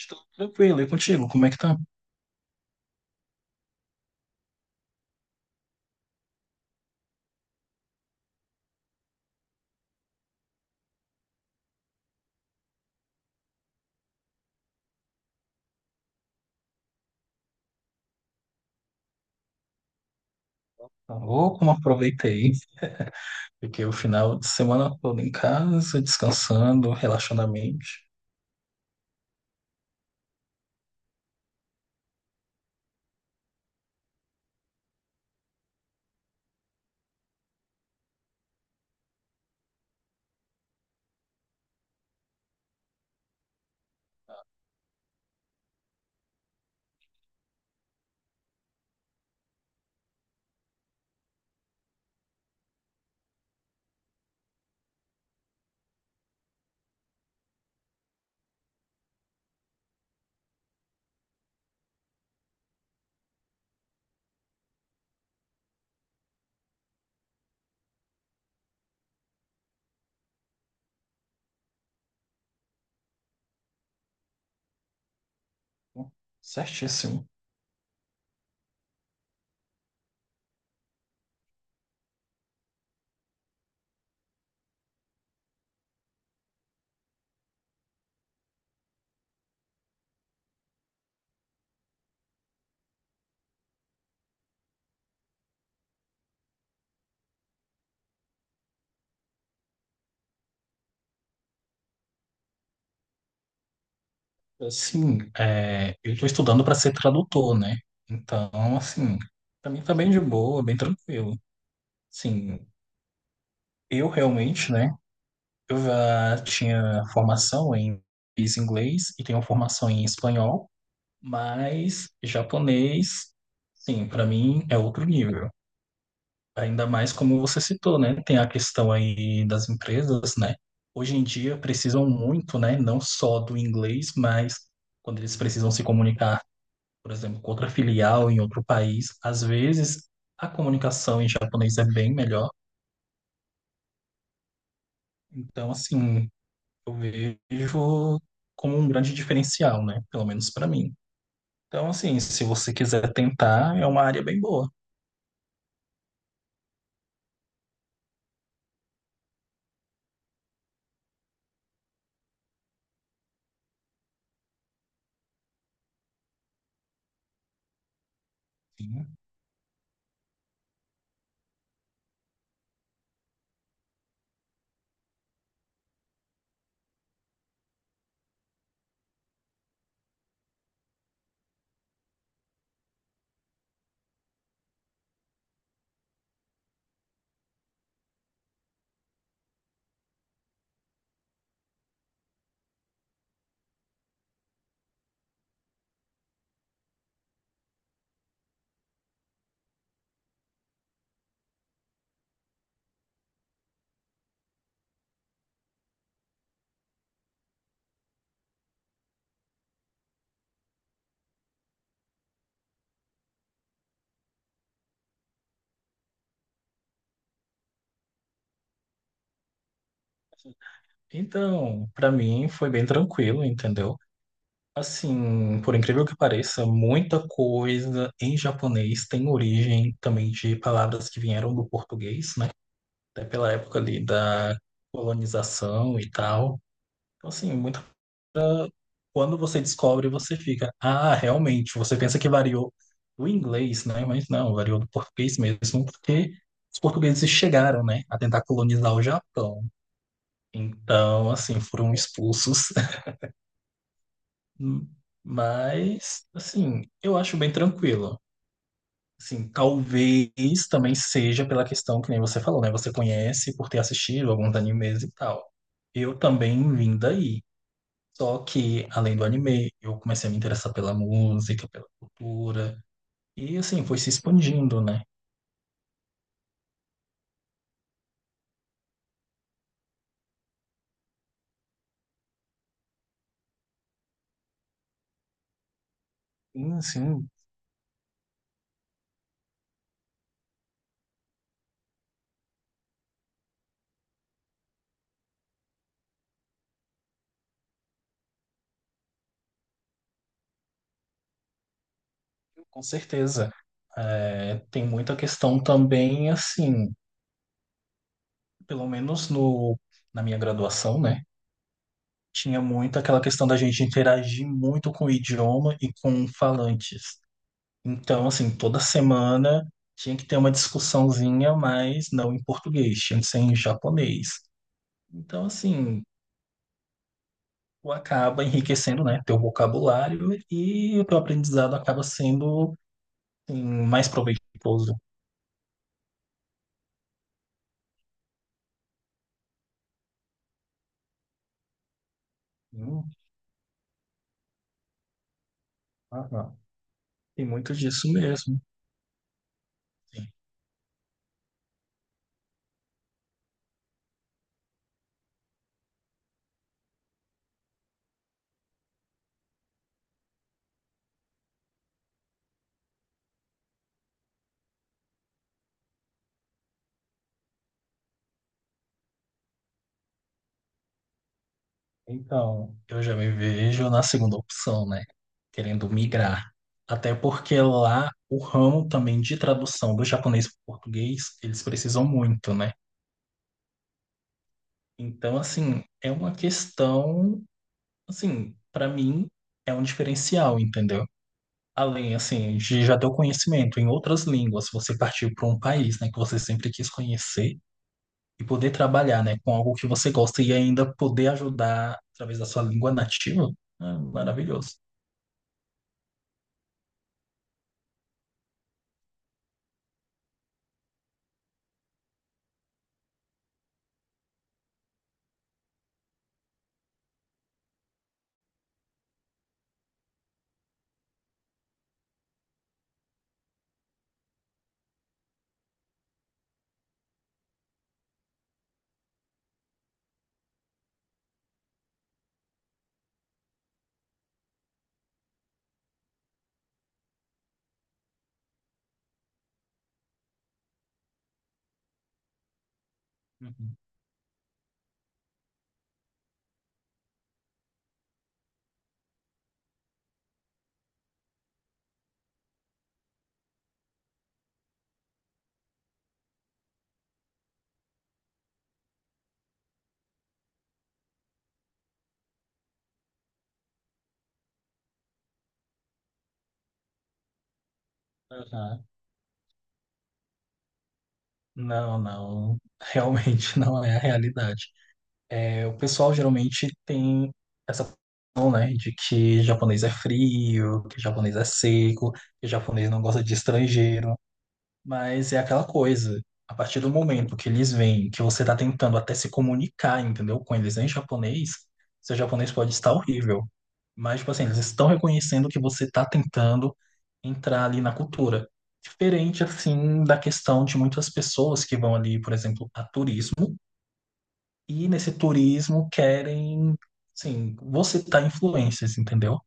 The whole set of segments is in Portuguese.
Estou tranquilo, e contigo? Como é que tá? Tá louco, não aproveitei. Fiquei o final de semana todo em casa, descansando, relaxando a mente. Certíssimo. Assim, é, eu estou estudando para ser tradutor, né? Então, assim, para mim tá bem de boa, bem tranquilo. Sim, eu realmente, né? Eu já tinha formação em inglês e tenho formação em espanhol, mas japonês, sim, para mim é outro nível. Ainda mais como você citou, né? Tem a questão aí das empresas, né? Hoje em dia precisam muito, né? Não só do inglês, mas quando eles precisam se comunicar, por exemplo, com outra filial em outro país, às vezes a comunicação em japonês é bem melhor. Então, assim, eu vejo como um grande diferencial, né? Pelo menos para mim. Então, assim, se você quiser tentar, é uma área bem boa. Sim. Então, para mim foi bem tranquilo, entendeu? Assim, por incrível que pareça, muita coisa em japonês tem origem também de palavras que vieram do português, né? Até pela época ali da colonização e tal. Então, assim, muito, quando você descobre, você fica, ah, realmente, você pensa que variou do inglês, né? Mas não, variou do português mesmo, porque os portugueses chegaram, né, a tentar colonizar o Japão. Então, assim, foram expulsos. Mas, assim, eu acho bem tranquilo. Sim, talvez também seja pela questão que nem você falou, né? Você conhece por ter assistido alguns animes e tal. Eu também vim daí. Só que, além do anime, eu comecei a me interessar pela música, pela cultura. E, assim, foi se expandindo, né? Sim, sim, com certeza. É, tem muita questão também, assim, pelo menos no, na minha graduação, né? Tinha muito aquela questão da gente interagir muito com o idioma e com falantes. Então, assim, toda semana tinha que ter uma discussãozinha, mas não em português, tinha que ser em japonês. Então, assim, tu acaba enriquecendo, né, teu vocabulário e o teu aprendizado acaba sendo, assim, mais proveitoso. Hum, aham. Tem muito disso mesmo. Sim. Então, eu já me vejo na segunda opção, né, querendo migrar. Até porque lá o ramo também de tradução do japonês para o português, eles precisam muito, né? Então, assim, é uma questão, assim, para mim é um diferencial, entendeu? Além, assim, de já ter o conhecimento em outras línguas, você partir para um país, né, que você sempre quis conhecer e poder trabalhar, né, com algo que você gosta e ainda poder ajudar através da sua língua nativa, é maravilhoso. Uhum. Aham. Não, não, realmente não é a realidade. É, o pessoal geralmente tem essa noção, né, de que japonês é frio, que japonês é seco, que japonês não gosta de estrangeiro, mas é aquela coisa. A partir do momento que eles veem que você está tentando até se comunicar, entendeu, com eles em japonês, seu japonês pode estar horrível. Mas, tipo assim, eles estão reconhecendo que você está tentando entrar ali na cultura. Diferente, assim, da questão de muitas pessoas que vão ali, por exemplo, a turismo e nesse turismo querem, assim, você citar influências, entendeu?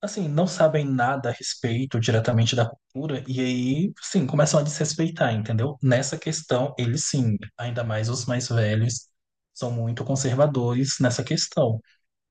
Assim, não sabem nada a respeito diretamente da cultura e aí, sim, começam a desrespeitar, entendeu? Nessa questão, eles sim, ainda mais os mais velhos, são muito conservadores nessa questão.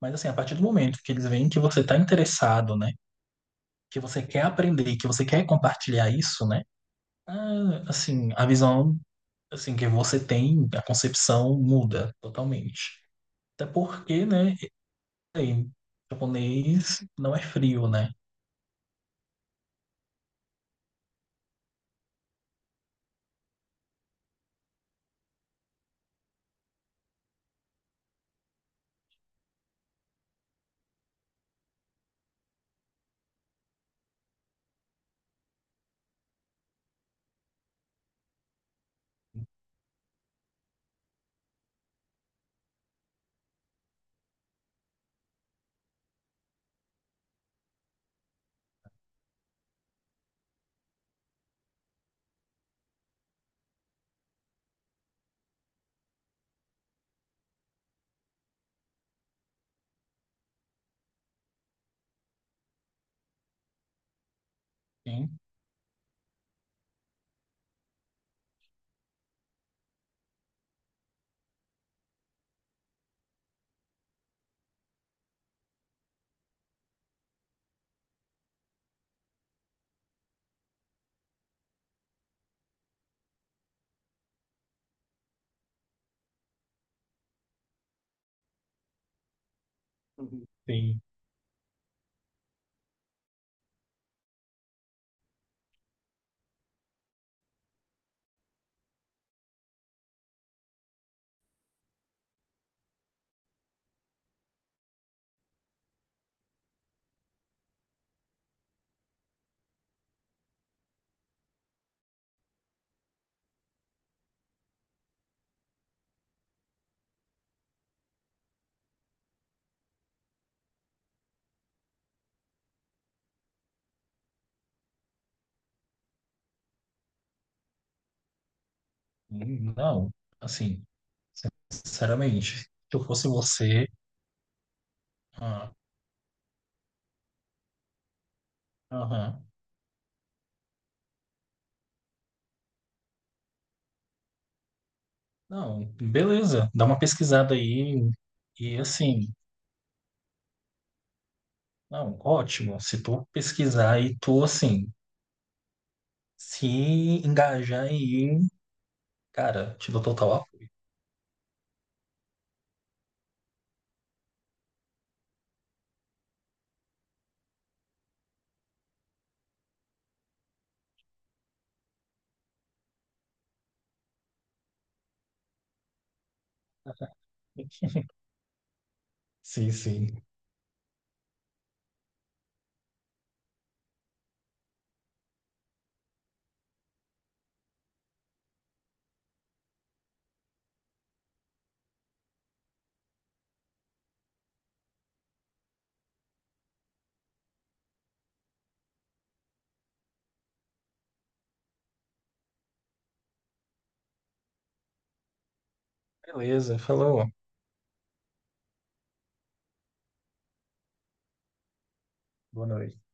Mas assim, a partir do momento que eles veem que você está interessado, né? Que você quer aprender, que você quer compartilhar isso, né? Ah, assim, a visão assim que você tem, a concepção muda totalmente. Até porque, né, sei, japonês não é frio, né? Sim. Uhum. Sim. Não, assim, sinceramente, se eu fosse você, ah, aham. Não, beleza, dá uma pesquisada aí e assim, não, ótimo. Se tu pesquisar e tu assim, se engajar aí, cara, te dou total apoio. Sim, sim. Beleza, falou. Boa noite.